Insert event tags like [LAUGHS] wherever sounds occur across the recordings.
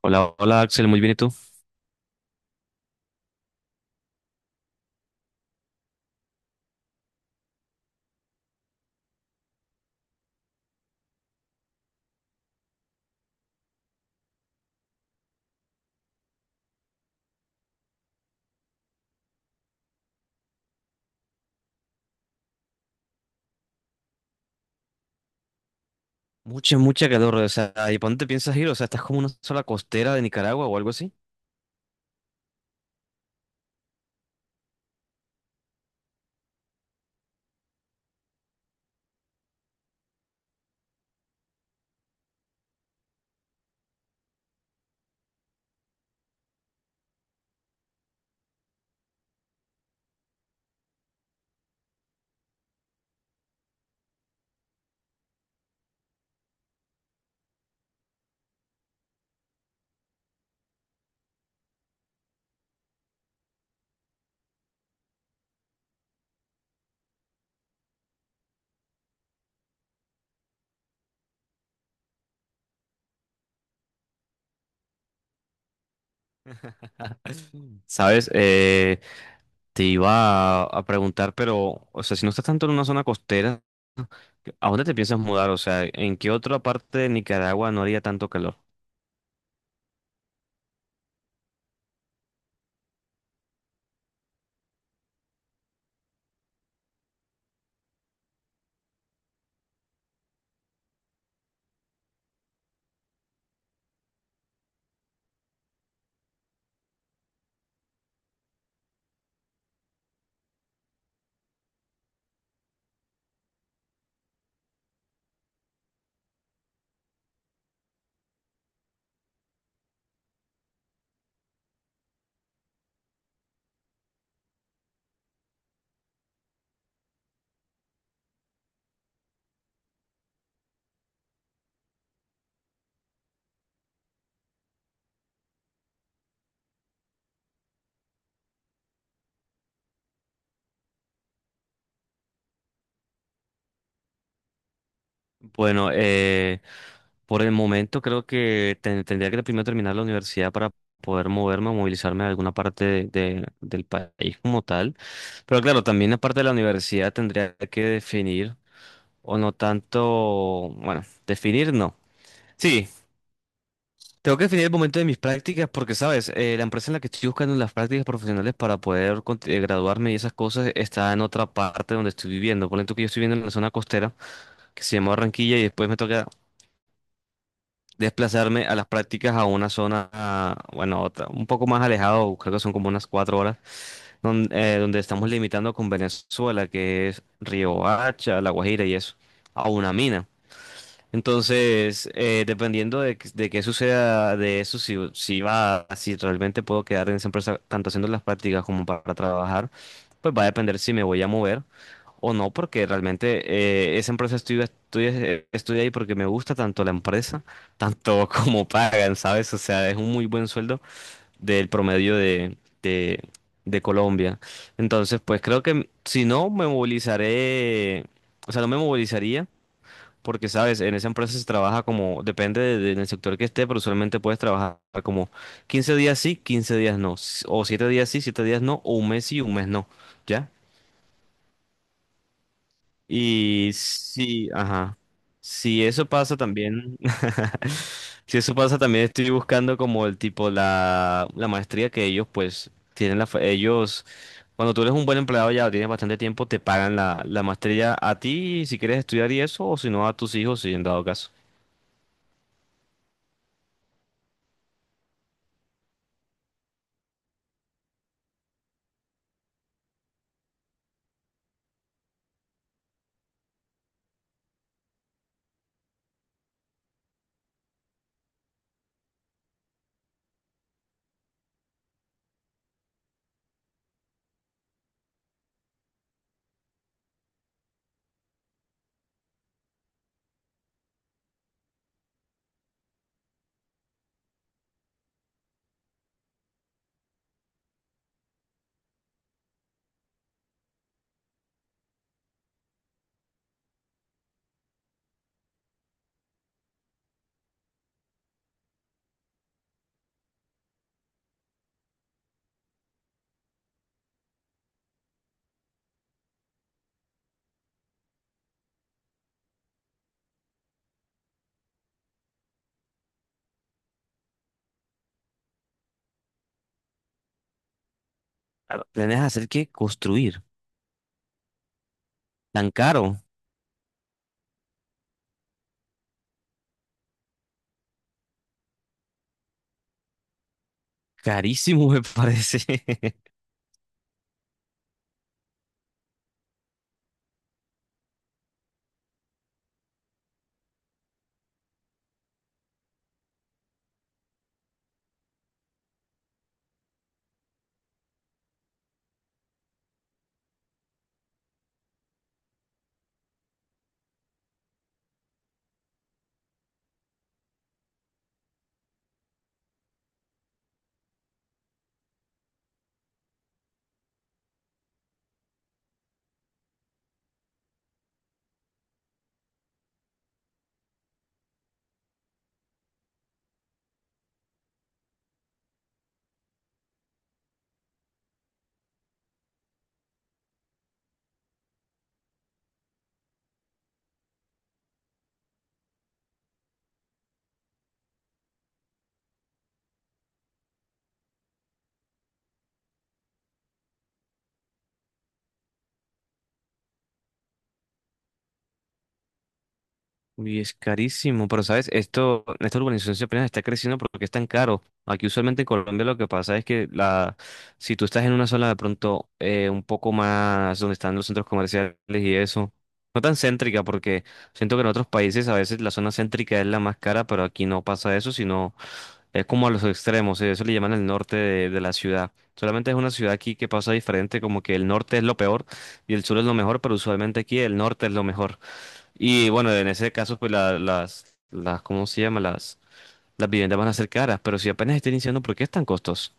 Hola, hola Axel, muy bien, ¿y tú? Mucha, mucha calor, o sea, ¿y para dónde te piensas ir? O sea, ¿estás como en una sola costera de Nicaragua o algo así? [LAUGHS] ¿Sabes? Te iba a preguntar, pero, o sea, si no estás tanto en una zona costera, ¿a dónde te piensas mudar? O sea, ¿en qué otra parte de Nicaragua no haría tanto calor? Bueno, por el momento creo que tendría que primero terminar la universidad para poder moverme o movilizarme a alguna parte del país como tal. Pero claro, también aparte de la universidad tendría que definir, o no tanto, bueno, definir no. Sí, tengo que definir el momento de mis prácticas porque, sabes, la empresa en la que estoy buscando las prácticas profesionales para poder graduarme y esas cosas está en otra parte donde estoy viviendo. Por ejemplo, que yo estoy viviendo en la zona costera que se llama Barranquilla y después me toca desplazarme a las prácticas a una zona, ah, bueno, otra, un poco más alejado, creo que son como unas 4 horas, donde, donde estamos limitando con Venezuela, que es Riohacha, La Guajira y eso, a una mina. Entonces, dependiendo de qué suceda de eso, si realmente puedo quedar en esa empresa, tanto haciendo las prácticas como para trabajar, pues va a depender si me voy a mover o no, porque realmente esa empresa estudio estoy ahí porque me gusta tanto la empresa, tanto [LAUGHS] como pagan, ¿sabes? O sea, es un muy buen sueldo del promedio de, de Colombia. Entonces, pues creo que si no, me movilizaré, o sea, no me movilizaría, porque, ¿sabes? En esa empresa se trabaja como, depende del sector que esté, pero usualmente puedes trabajar como 15 días sí, 15 días no, o 7 días sí, 7 días no, o un mes sí, un mes no, ¿ya? Y sí, ajá. Si eso pasa también, [LAUGHS] si eso pasa también estoy buscando como el tipo, la maestría que ellos pues tienen, ellos, cuando tú eres un buen empleado ya tienes bastante tiempo, te pagan la maestría a ti si quieres estudiar y eso, o si no a tus hijos, si en dado caso. Claro, ¿planeas hacer qué? Construir. Tan caro. Carísimo me parece. [LAUGHS] Uy, es carísimo, pero sabes, esta urbanización se apenas está creciendo porque es tan caro. Aquí usualmente en Colombia lo que pasa es que si tú estás en una zona de pronto un poco más donde están los centros comerciales y eso, no tan céntrica porque siento que en otros países a veces la zona céntrica es la más cara, pero aquí no pasa eso, sino es como a los extremos, eso le llaman el norte de la ciudad. Solamente es una ciudad aquí que pasa diferente, como que el norte es lo peor y el sur es lo mejor, pero usualmente aquí el norte es lo mejor. Y bueno, en ese caso, pues las, ¿cómo se llama? Las viviendas van a ser caras, pero si apenas estén iniciando, ¿por qué es tan costoso?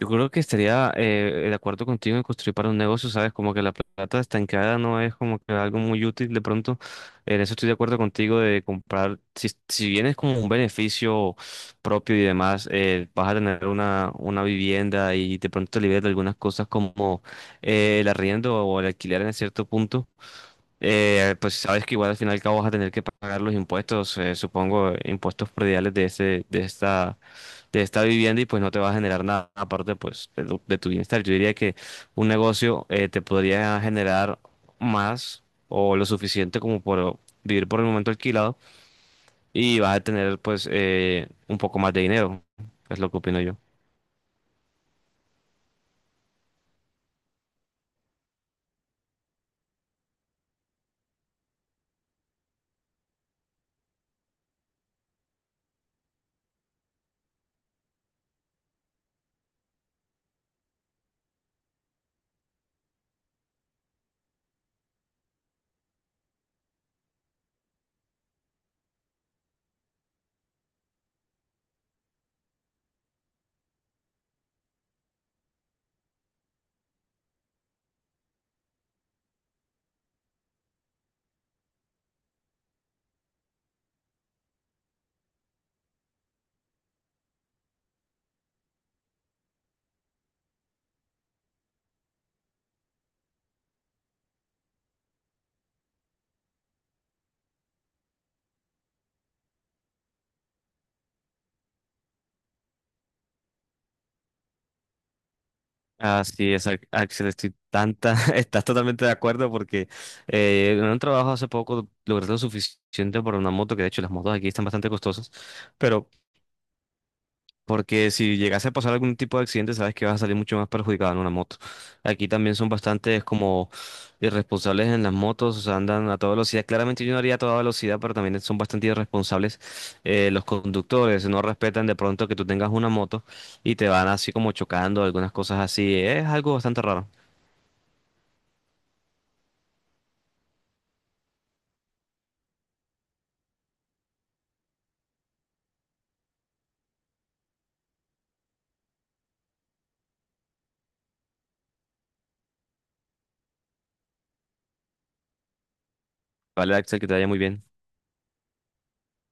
Yo creo que estaría, de acuerdo contigo en construir para un negocio, ¿sabes? Como que la plata estancada no es como que algo muy útil de pronto. En eso estoy de acuerdo contigo de comprar, si bien es como un beneficio propio y demás, vas a tener una vivienda y de pronto te liberas de algunas cosas como el arriendo o el alquiler en cierto punto. Pues sabes que igual al final y al cabo vas a tener que pagar los impuestos, supongo, impuestos prediales de esta vivienda y pues no te va a generar nada aparte pues de tu bienestar. Yo diría que un negocio, te podría generar más o lo suficiente como por vivir por el momento alquilado y vas a tener pues, un poco más de dinero, es lo que opino yo. Así es, Axel, estoy tanta, [LAUGHS] estás totalmente de acuerdo porque en un trabajo hace poco logré lo suficiente por una moto, que de hecho las motos aquí están bastante costosas, pero porque si llegase a pasar algún tipo de accidente, sabes que vas a salir mucho más perjudicado en una moto. Aquí también son bastantes como irresponsables en las motos, o sea, andan a toda velocidad. Claramente yo no haría a toda velocidad, pero también son bastante irresponsables, los conductores, no respetan de pronto que tú tengas una moto y te van así como chocando, algunas cosas así, es algo bastante raro. Vale, Axel, que te vaya muy bien.